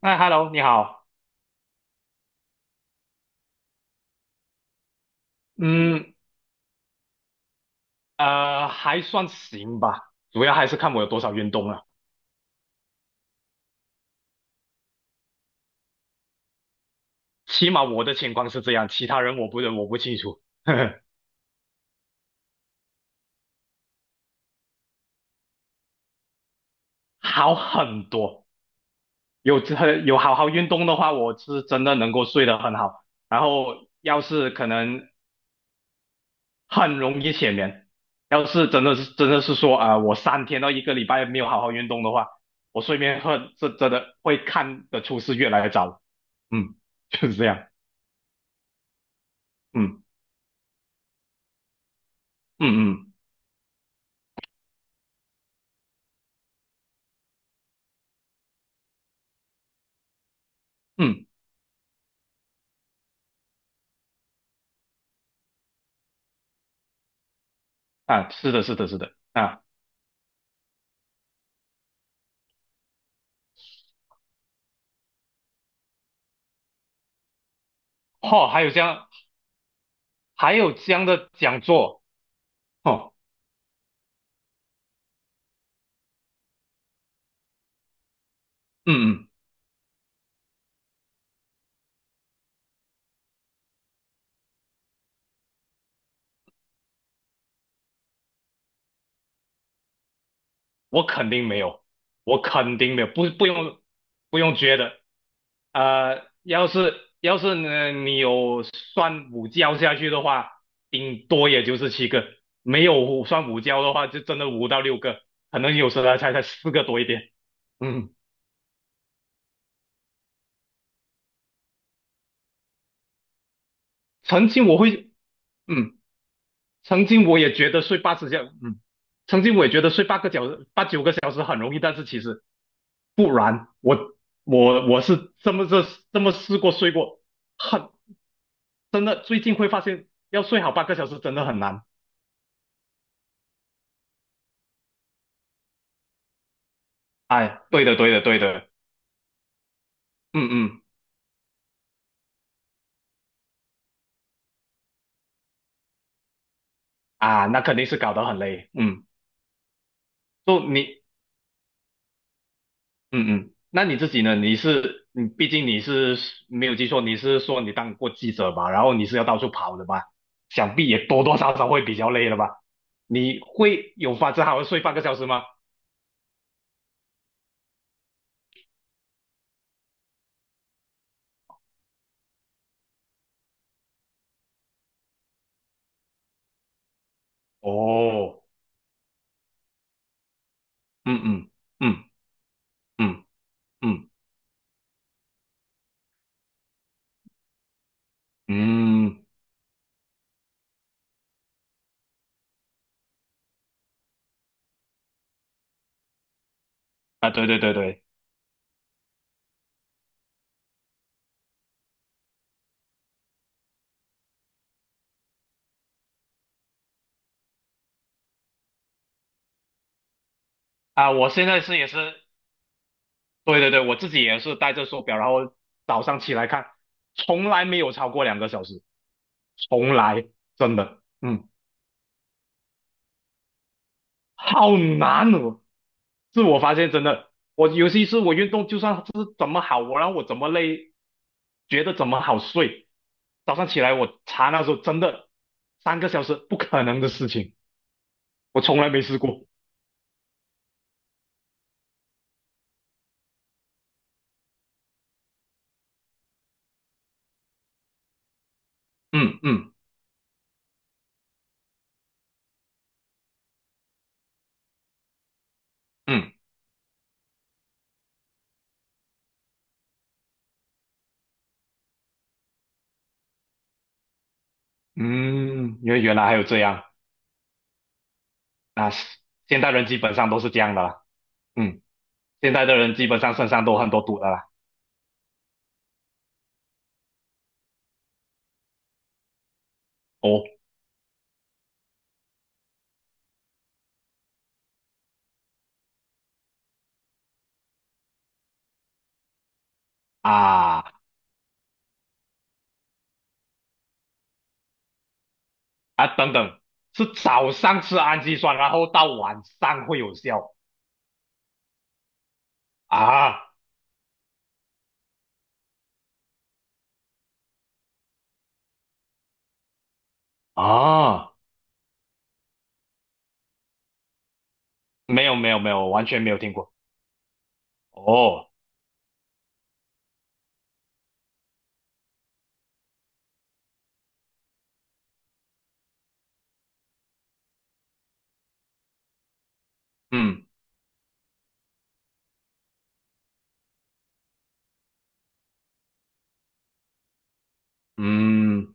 哎，Hello，你好。嗯，还算行吧，主要还是看我有多少运动了。起码我的情况是这样，其他人我不清楚。呵呵，好很多，有好好运动的话，我是真的能够睡得很好。然后要是可能很容易浅眠，要是真的是说啊、我3天到一个礼拜没有好好运动的话，我睡眠会是真的会看得出是越来越早。嗯，就是这样。嗯嗯嗯嗯。啊，是的，是的，是的，啊，哦，还有这样，还有这样的讲座，哦，嗯嗯，我肯定没有，我肯定没有，不用不用觉得，呃，要是要是呢，你有算午觉下去的话，顶多也就是7个，没有算午觉的话，就真的5到6个，可能有时候才4个多一点，嗯，曾经我会，嗯。曾经我也觉得睡八十小，嗯，曾经我也觉得睡八个小时、八九个小时很容易，但是其实不然，我是这么试过睡过，很真的，最近会发现要睡好八个小时真的很难。哎，对的对的对的，嗯嗯啊，那肯定是搞得很累，嗯，就你嗯嗯，那你自己呢？你是你，毕竟你是没有记错，你是说你当过记者吧？然后你是要到处跑的吧？想必也多多少少会比较累了吧？你会有法子好好睡半个小时吗？哦，嗯嗯嗯嗯嗯嗯啊，对对对对啊，我现在是也是，对对对，我自己也是戴着手表，然后早上起来看，从来没有超过2个小时，从来真的，嗯，好难哦。自我发现真的，我尤其是我运动，就算是怎么好，让我怎么累，觉得怎么好睡，早上起来我查那时候真的3个小时不可能的事情，我从来没试过。嗯嗯嗯嗯，因为原来还有这样啊！现代人基本上都是这样的啦。嗯，现代的人基本上身上都很多毒的啦。哦啊啊，等等，是早上吃氨基酸，然后到晚上会有效啊啊！没有没有没有，完全没有听过。哦，嗯嗯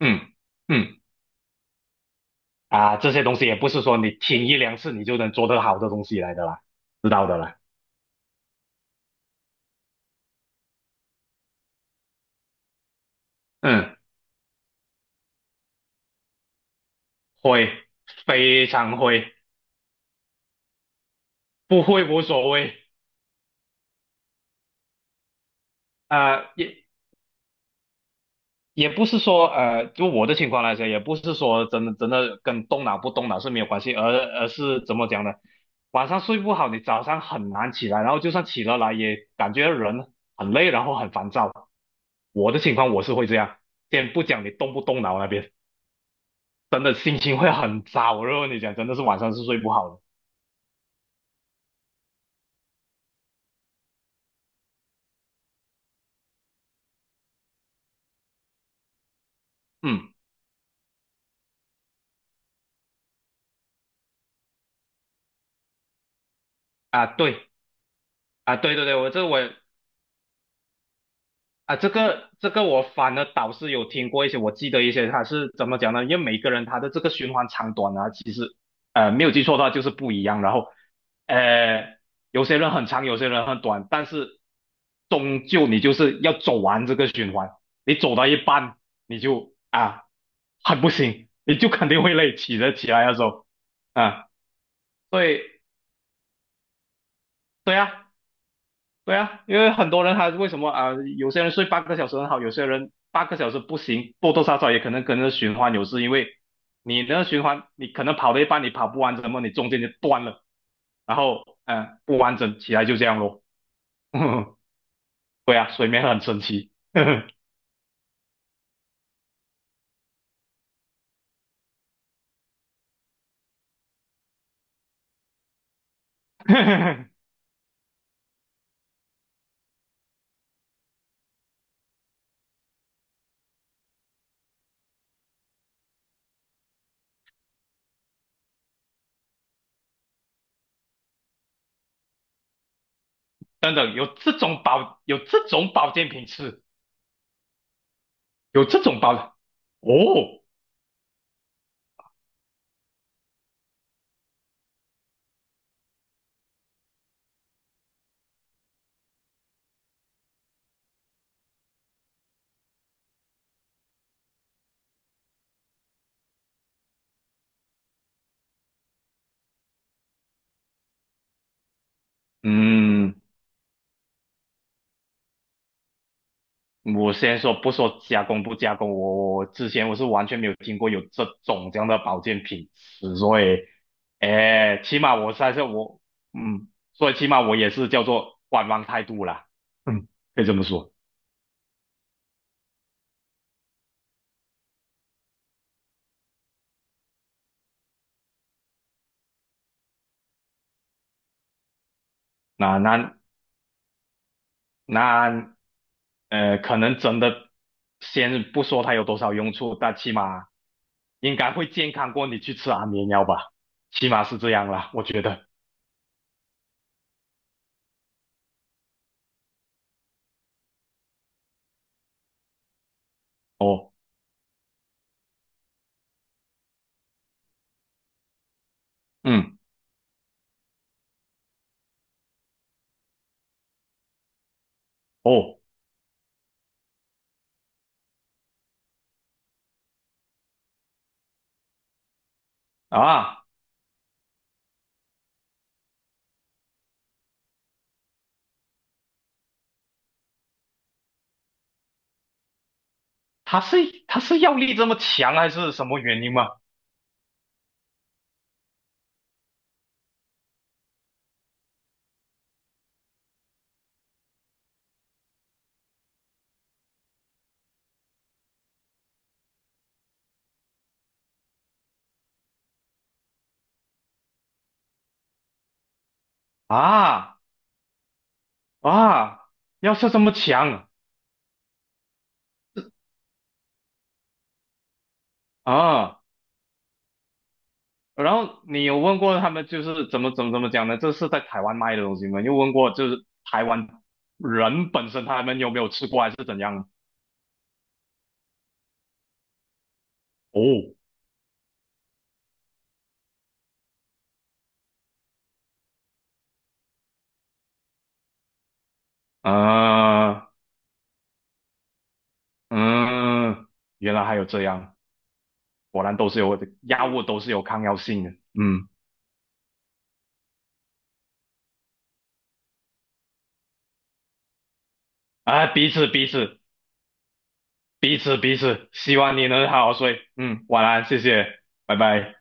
嗯嗯，啊，这些东西也不是说你听一两次你就能做得好的东西来的啦，知道的啦。嗯，会，非常会，不会无所谓。呃，也也不是说就我的情况来说，也不是说真的真的跟动脑不动脑是没有关系，而是怎么讲呢？晚上睡不好，你早上很难起来，然后就算起了来，也感觉人很累，然后很烦躁。我的情况我是会这样，先不讲你动不动脑那边，真的心情会很糟。我就跟你讲，真的是晚上是睡不好的。嗯啊，对啊，对对对，我这我啊，这个我反而倒是有听过一些，我记得一些他是怎么讲呢？因为每个人他的这个循环长短啊，其实没有记错的话就是不一样。然后呃，有些人很长，有些人很短，但是终究你就是要走完这个循环。你走到一半，你就啊很不行，你就肯定会累，起来的时候啊，所以对啊，对啊，因为很多人他为什么啊、有些人睡八个小时很好，有些人八个小时不行，多多少少也可能跟着循环有事，因为你那个循环，你可能跑了一半，你跑不完整么，你中间就断了，然后不完整起来就这样咯。对啊，睡眠很神奇。等等，有这种保健品吃，有这种保哦，嗯。我先说不说加工不加工，我之前我是完全没有听过有这种这样的保健品所以，哎，起码我算是我，嗯，所以起码我也是叫做观望态度啦，嗯，可以这么说。那那那，可能真的先不说它有多少用处，但起码应该会健康过你去吃安眠药吧，起码是这样啦，我觉得。哦，嗯，哦啊。他是药力这么强还是什么原因吗？啊啊，药效这么强啊！然后你有问过他们就是怎么怎么怎么讲呢？这是在台湾卖的东西吗？你有问过就是台湾人本身他们有没有吃过还是怎样？哦，啊，嗯，原来还有这样，果然都是有药物都是有抗药性的，嗯，啊，彼此彼此彼此彼此，希望你能好好睡，嗯，晚安，谢谢，拜拜。